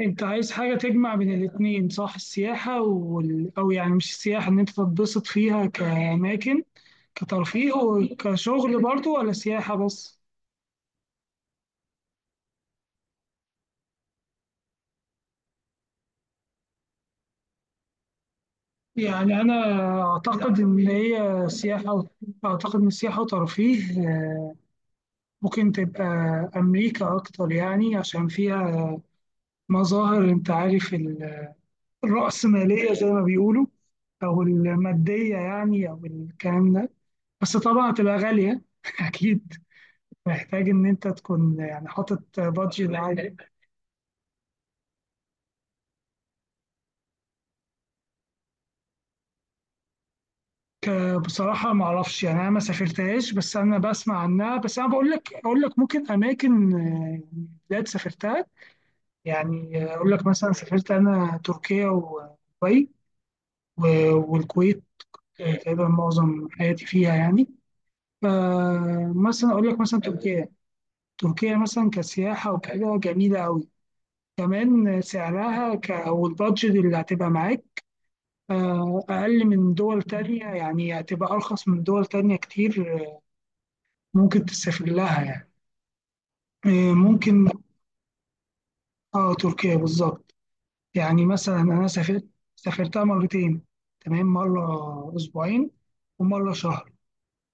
انت عايز حاجة تجمع بين الاتنين، صح؟ السياحة او يعني مش السياحة ان انت تتبسط فيها كأماكن، كترفيه وكشغل برضو، ولا سياحة بس؟ يعني انا اعتقد ان هي سياحة اعتقد ان السياحة وترفيه. ممكن تبقى امريكا اكتر، يعني عشان فيها مظاهر، انت عارف الرأسمالية زي ما بيقولوا، او المادية يعني، او الكلام ده. بس طبعا هتبقى غالية اكيد. محتاج ان انت تكون يعني حاطط بادجت عالي. بصراحه ما اعرفش يعني، انا ما سافرتهاش، بس انا بسمع عنها. بس انا بقول لك اقول لك ممكن اماكن يعني بلاد سافرتها. يعني اقول لك مثلا، سافرت انا تركيا ودبي و- والكويت. تقريبا معظم حياتي فيها يعني. فمثلا اقول لك مثلا تركيا. تركيا مثلا كسياحه وكده جميله قوي. كمان سعرها او البادجت اللي هتبقى معاك أقل من دول تانية، يعني هتبقى أرخص من دول تانية كتير. ممكن تسافر لها يعني. ممكن. آه تركيا بالظبط. يعني مثلا أنا سافرتها مرتين، تمام؟ مرة أسبوعين، ومرة شهر.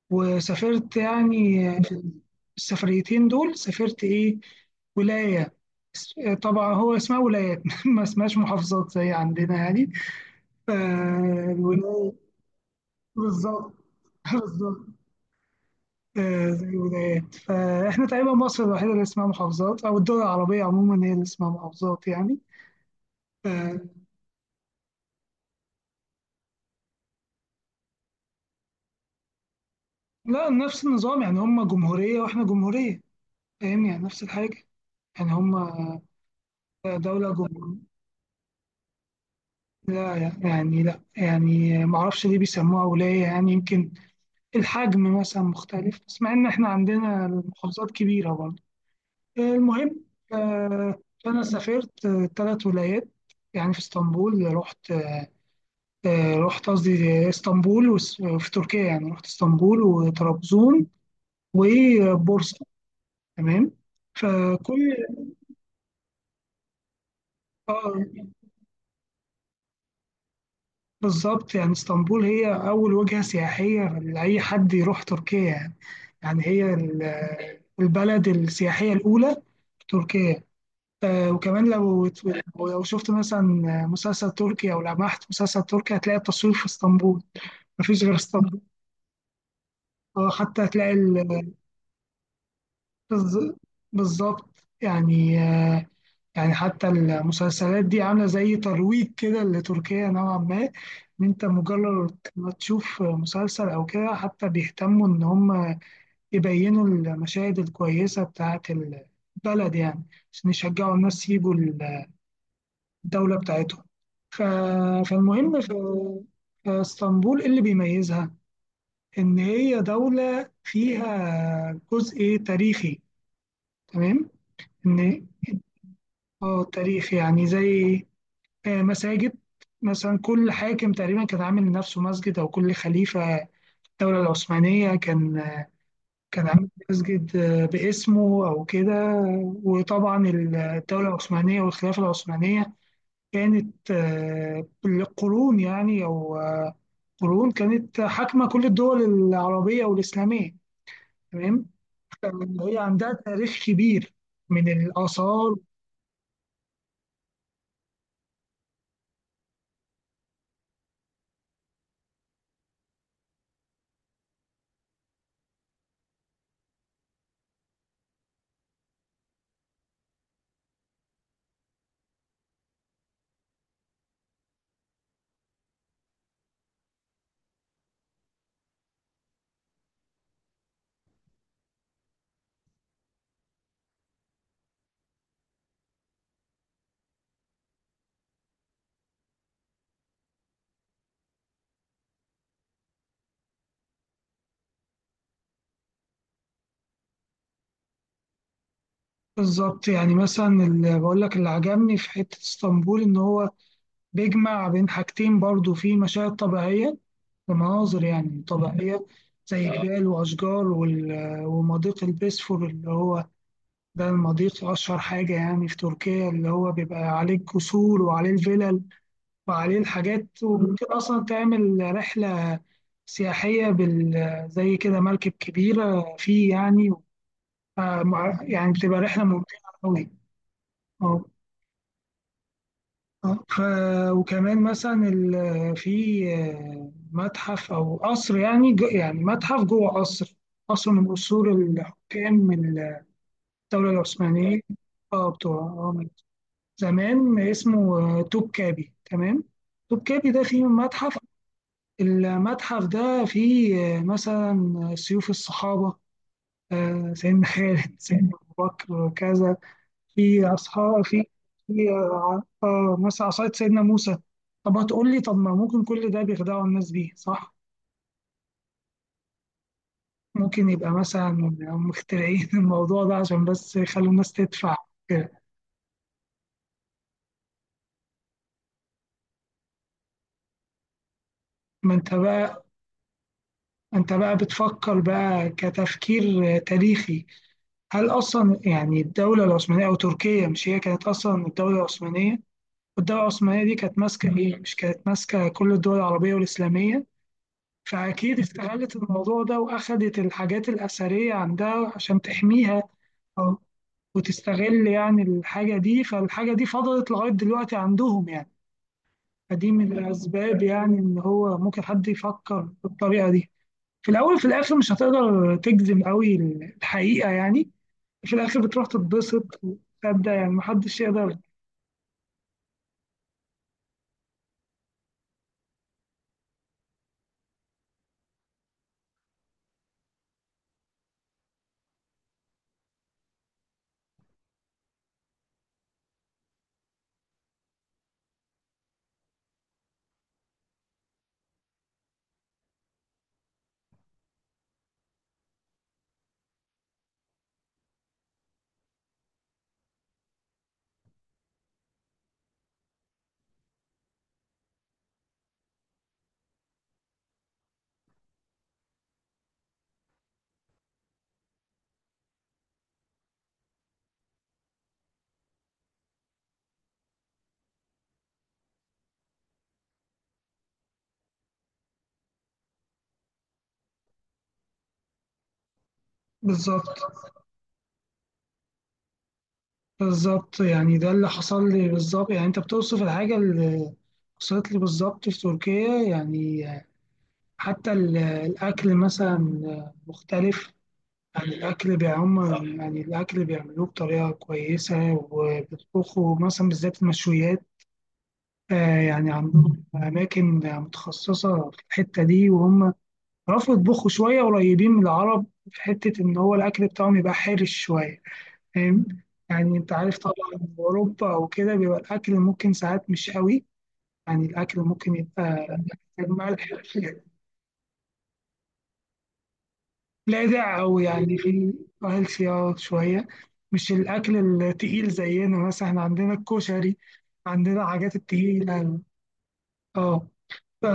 وسافرت يعني في السفريتين دول، سافرت إيه، ولاية. اس- طبعا هو اسمها ولايات ما اسمهاش محافظات زي عندنا يعني. الولاية. بالظبط. بالظبط. زي ولايات. فاحنا تقريبا مصر الوحيدة اللي اسمها محافظات، أو الدول العربية عموما هي اللي اسمها محافظات يعني. آه، لا، نفس النظام يعني. هم جمهورية وإحنا جمهورية. فاهم؟ يعني نفس الحاجة. يعني هم دولة جمهورية. لا، يعني لا، يعني معرفش ليه بيسموها ولاية. يعني يمكن الحجم مثلا مختلف، بس مع إن إحنا عندنا المحافظات كبيرة برضه. المهم. آه، فأنا سافرت 3 ولايات يعني. في اسطنبول، رحت رحت قصدي اسطنبول وفي تركيا يعني، رحت اسطنبول وطرابزون وبورصة. تمام. فكل آه، بالظبط. يعني اسطنبول هي أول وجهة سياحية لأي حد يروح تركيا يعني. يعني هي البلد السياحية الأولى في تركيا. وكمان لو شفت مثلا مسلسل تركي أو لمحت مسلسل تركي، هتلاقي التصوير في اسطنبول. مفيش غير اسطنبول. حتى هتلاقي بالظ- بالظبط يعني. يعني حتى المسلسلات دي عاملة زي ترويج كده لتركيا نوعا ما. إن أنت مجرد ما تشوف مسلسل أو كده، حتى بيهتموا إن هم يبينوا المشاهد الكويسة بتاعة البلد يعني، عشان يشجعوا الناس يجوا الدولة بتاعتهم. ف... فالمهم في اسطنبول إيه اللي بيميزها؟ إن هي دولة فيها جزء تاريخي، تمام؟ إن اه تاريخ يعني، زي مساجد مثلا. كل حاكم تقريبا كان عامل لنفسه مسجد، او كل خليفة في الدولة العثمانية كان عامل مسجد باسمه او كده. وطبعا الدولة العثمانية والخلافة العثمانية كانت بالقرون يعني، او قرون كانت حاكمة كل الدول العربية والإسلامية، تمام. فهي عندها تاريخ كبير من الآثار. بالظبط. يعني مثلا اللي بقول لك، اللي عجبني في حتة اسطنبول إن هو بيجمع بين حاجتين، برضو في مشاهد طبيعية ومناظر يعني طبيعية، زي جبال وأشجار ومضيق البسفور اللي هو، ده المضيق أشهر حاجة يعني في تركيا، اللي هو بيبقى عليه القصور وعليه الفلل وعليه الحاجات. وممكن أصلا تعمل رحلة سياحية زي كده مركب كبيرة فيه يعني. يعني بتبقى رحلة ممتعة أوي. آه، ف وكمان مثلا في متحف او قصر يعني، يعني متحف جوه قصر، قصر من قصور الحكام من الدوله العثمانيه. اه بتوع من زمان، اسمه توبكابي، تمام. توبكابي ده فيه متحف. المتحف ده فيه مثلا سيوف الصحابه، سيدنا خالد، سيدنا ابو بكر وكذا، في اصحاب، في مثلا عصاية سيدنا موسى. طب هتقول لي طب ما ممكن كل ده بيخدعوا الناس بيه، صح؟ ممكن يبقى مثلا مخترعين الموضوع ده عشان بس يخلوا الناس تدفع كده. ما انت بقى، انت بقى بتفكر بقى كتفكير تاريخي. هل اصلا يعني الدولة العثمانية او تركيا، مش هي كانت اصلا الدولة العثمانية؟ والدولة العثمانية دي كانت ماسكة ايه؟ مش كانت ماسكة كل الدول العربية والإسلامية؟ فأكيد استغلت الموضوع ده وأخدت الحاجات الأثرية عندها عشان تحميها أو وتستغل يعني الحاجة دي. فالحاجة دي فضلت لغاية دلوقتي عندهم يعني. فدي من الأسباب يعني، إن هو ممكن حد يفكر بالطريقة دي في الأول. في الآخر مش هتقدر تجزم قوي الحقيقة يعني. في الآخر بتروح تتبسط وتصدق يعني، محدش يقدر. بالظبط. بالظبط يعني، ده اللي حصل لي بالظبط يعني. أنت بتوصف الحاجة اللي حصلت لي بالظبط في تركيا يعني. حتى الأكل مثلا مختلف. يعني الأكل بيعم صح. يعني الأكل بيعملوه بطريقة كويسة، وبيطبخوا مثلا بالذات المشويات. يعني عندهم أماكن متخصصة في الحتة دي، وهم عرفوا يطبخوا شوية قريبين من العرب في حتة إن هو الأكل بتاعهم يبقى حرش شوية. فاهم؟ يعني أنت عارف طبعا أوروبا أو كده بيبقى الأكل ممكن ساعات مش قوي يعني. الأكل ممكن يبقى محتاج ملح، لاذع قوي يعني. في هيلثي شويه، مش الاكل التقيل زينا. مثلا احنا عندنا الكشري، عندنا الحاجات التقيله، اه. ف-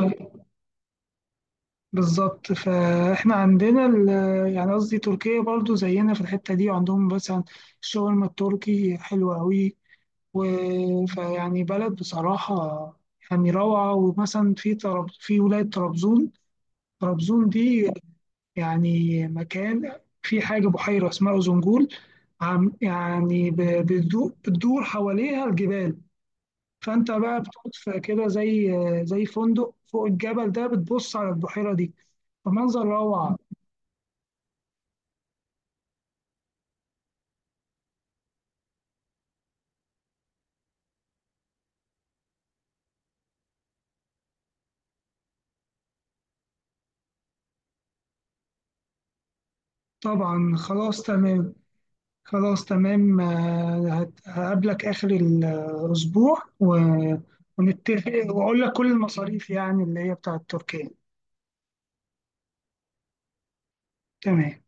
بالظبط. فاحنا عندنا يعني قصدي تركيا برضو زينا في الحته دي، وعندهم مثلا الشاورما التركي حلوه قوي. فيعني بلد بصراحه، يعني روعه. ومثلا في طرب في ولايه طرابزون، طرابزون دي يعني مكان، في حاجة بحيرة اسمها أوزنجول. عم يعني بتدور حواليها الجبال. فأنت بقى بتقعد في كده زي فندق فوق الجبل ده، بتبص على البحيرة دي، فمنظر روعة. طبعا خلاص تمام. خلاص تمام. هقابلك آخر الأسبوع ونتفق، وأقول لك كل المصاريف يعني اللي هي بتاعت تركيا. تمام.